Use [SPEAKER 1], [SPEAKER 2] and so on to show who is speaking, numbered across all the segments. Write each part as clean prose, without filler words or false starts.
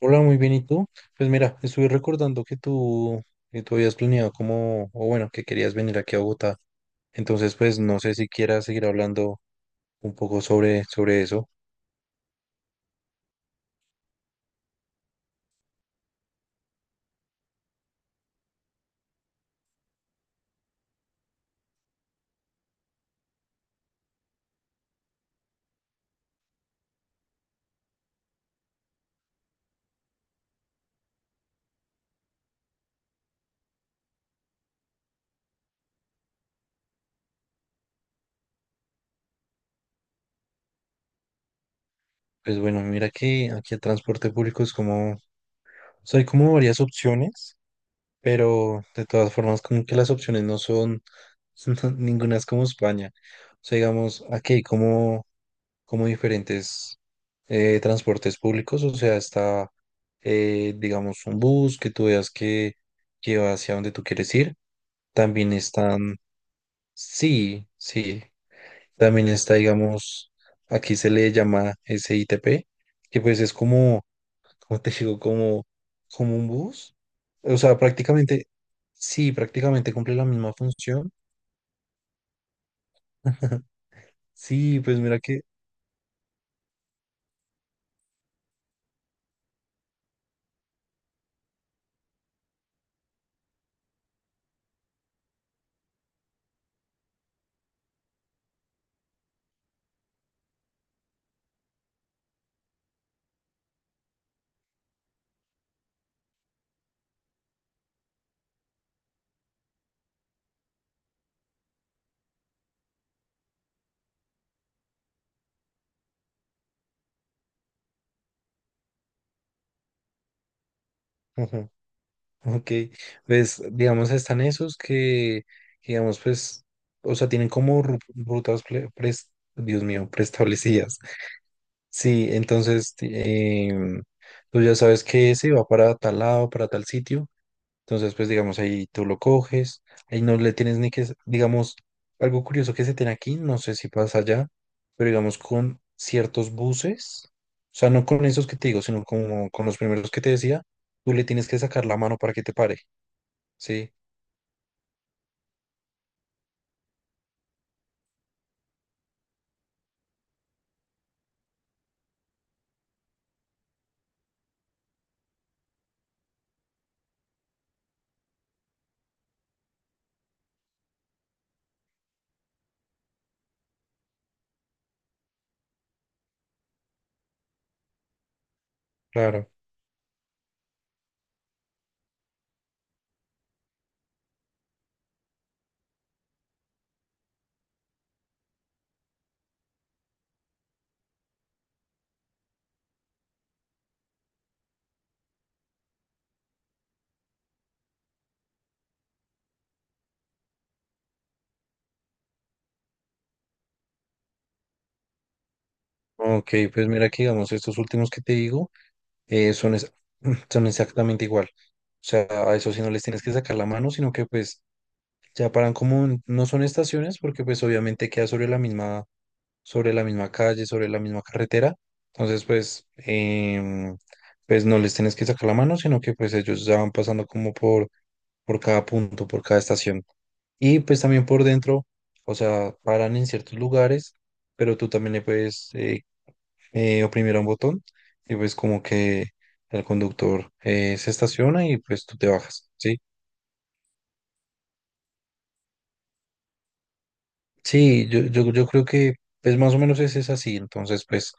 [SPEAKER 1] Hola, muy bien, ¿y tú? Pues mira, estuve recordando que tú habías planeado como, o bueno, que querías venir aquí a Bogotá. Entonces, pues no sé si quieras seguir hablando un poco sobre eso. Pues bueno, mira que aquí el transporte público es como, o sea, hay como varias opciones, pero de todas formas como que las opciones no son, ninguna es como España. O sea, digamos, aquí hay como diferentes transportes públicos, o sea, está, digamos, un bus que tú veas que, lleva hacia donde tú quieres ir. También están, sí, sí, también está, digamos, aquí se le llama SITP, que pues es como, como te digo, como, como un bus. O sea, prácticamente, sí, prácticamente cumple la misma función. Sí, pues mira que... Ok, pues digamos están esos digamos pues, o sea, tienen como rutas, Dios mío, preestablecidas. Sí, entonces tú ya sabes que ese va para tal lado, para tal sitio. Entonces, pues digamos ahí tú lo coges, ahí no le tienes ni que, digamos, algo curioso que se tiene aquí, no sé si pasa allá, pero digamos con ciertos buses, o sea, no con esos que te digo, sino como con los primeros que te decía, tú le tienes que sacar la mano para que te pare. Sí, claro. Ok, pues mira que digamos, estos últimos que te digo eh, son, es- son exactamente igual. O sea, a eso sí no les tienes que sacar la mano, sino que pues ya paran como, no son estaciones, porque pues obviamente queda sobre la misma calle, sobre la misma carretera. Entonces, pues, pues no les tienes que sacar la mano, sino que pues ellos ya van pasando como por cada punto, por cada estación. Y pues también por dentro, o sea, paran en ciertos lugares, pero tú también le puedes... oprimiera un botón y pues como que el conductor se estaciona y pues tú te bajas, ¿sí? Sí, yo creo que pues más o menos es así, entonces pues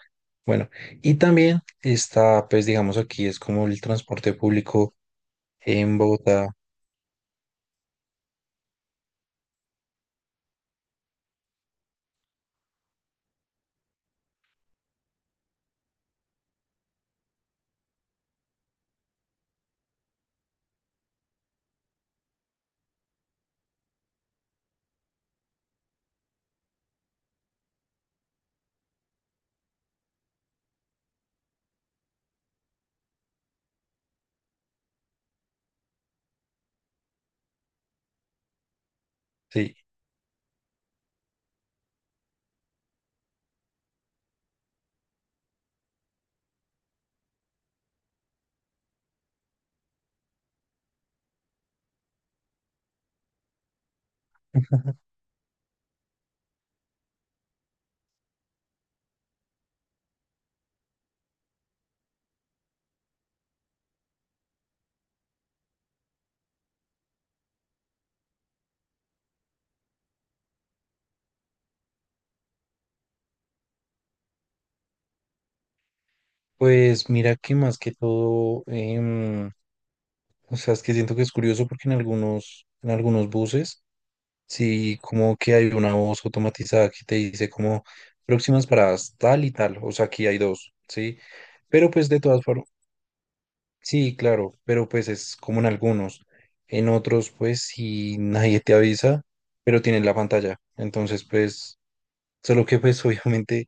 [SPEAKER 1] bueno, y también está pues digamos aquí es como el transporte público en Bogotá, sí, pues mira que más que todo, o sea, es que siento que es curioso porque en algunos buses. Sí, como que hay una voz automatizada que te dice como próximas paradas tal y tal, o sea, aquí hay dos, ¿sí? Pero pues de todas formas, sí, claro, pero pues es como en algunos, en otros pues si nadie te avisa, pero tienes la pantalla, entonces pues, solo que pues obviamente,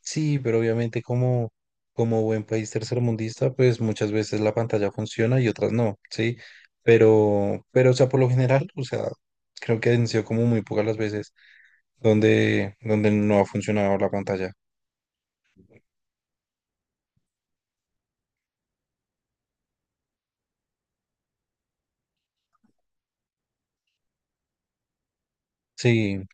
[SPEAKER 1] sí, pero obviamente como, como buen país tercermundista, pues muchas veces la pantalla funciona y otras no, ¿sí? Pero o sea, por lo general, o sea, creo que han sido como muy pocas las veces donde no ha funcionado la pantalla. Sí,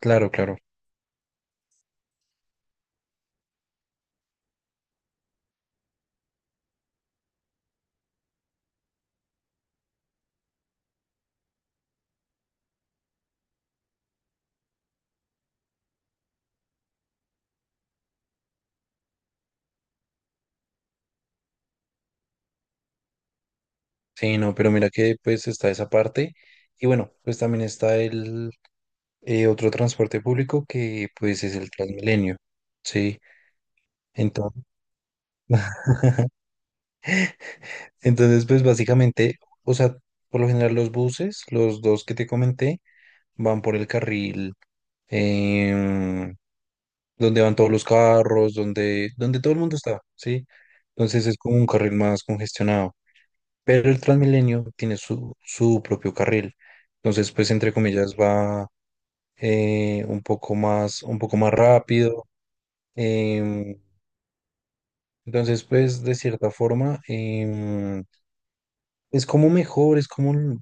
[SPEAKER 1] claro, claro. Sí, no, pero mira que pues está esa parte y bueno, pues también está el otro transporte público que pues es el Transmilenio. Sí, entonces, entonces pues básicamente, o sea, por lo general los buses, los dos que te comenté, van por el carril em, donde van todos los carros, donde todo el mundo está, ¿sí? Entonces es como un carril más congestionado. Pero el Transmilenio tiene su propio carril. Entonces, pues, entre comillas, va un poco más rápido. em, entonces, pues, de cierta forma, es como mejor, es como el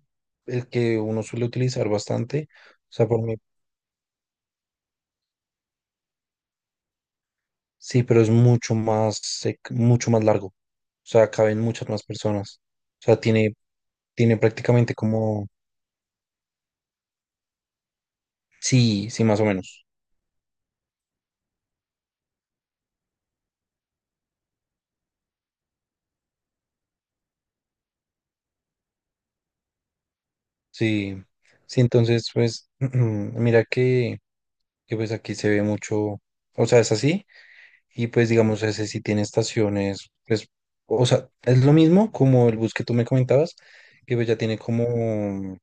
[SPEAKER 1] el que uno suele utilizar bastante. O sea, por mí, sí, pero es mucho más, mucho más largo. O sea, caben muchas más personas. O sea, tiene, tiene prácticamente como, sí, sí, más o menos. Sí, sí, entonces pues mira pues aquí se ve mucho, o sea, es así, y pues digamos ese sí tiene estaciones, pues, o sea, es lo mismo como el bus que tú me comentabas, que pues ya tiene como,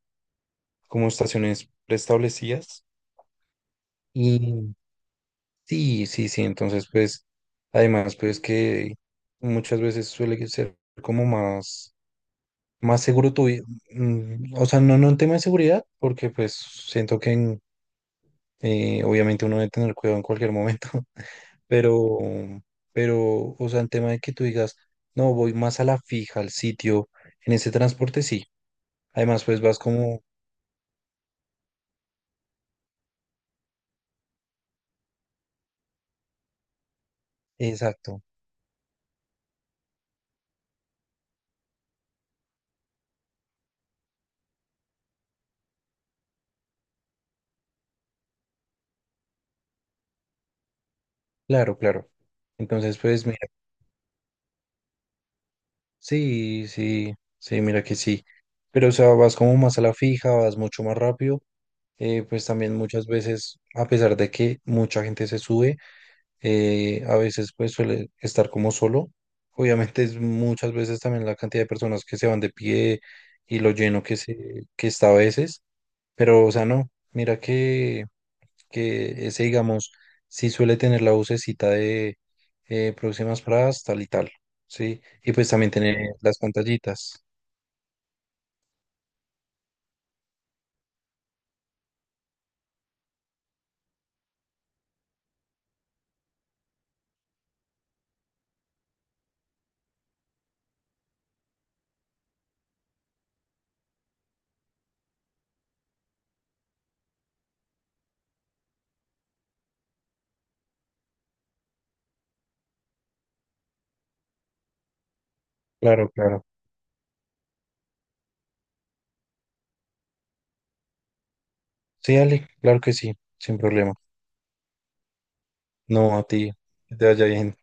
[SPEAKER 1] como estaciones preestablecidas, y sí, sí, sí, entonces pues, además pues que muchas veces suele ser como más, más seguro o sea, no en tema de seguridad, porque pues siento que en... obviamente uno debe tener cuidado en cualquier momento, pero, pero, o sea, en tema de que tú digas, no, voy más a la fija, al sitio, en ese transporte sí. Además, pues vas como, exacto, claro, claro. Entonces, pues mira, sí, sí, sí, mira que sí. Pero, o sea, vas como más a la fija, vas mucho más rápido. Pues también muchas veces, a pesar de que mucha gente se sube, a veces pues suele estar como solo. Obviamente es muchas veces también la cantidad de personas que se van de pie y lo lleno que se, que está a veces, pero o sea, no, mira que ese digamos sí suele tener la vocecita de próximas paradas tal y tal, ¿sí? Y pues también tener las pantallitas. Claro, claro. Sí, Ale, claro que sí, sin problema. No, a ti, que te vaya bien.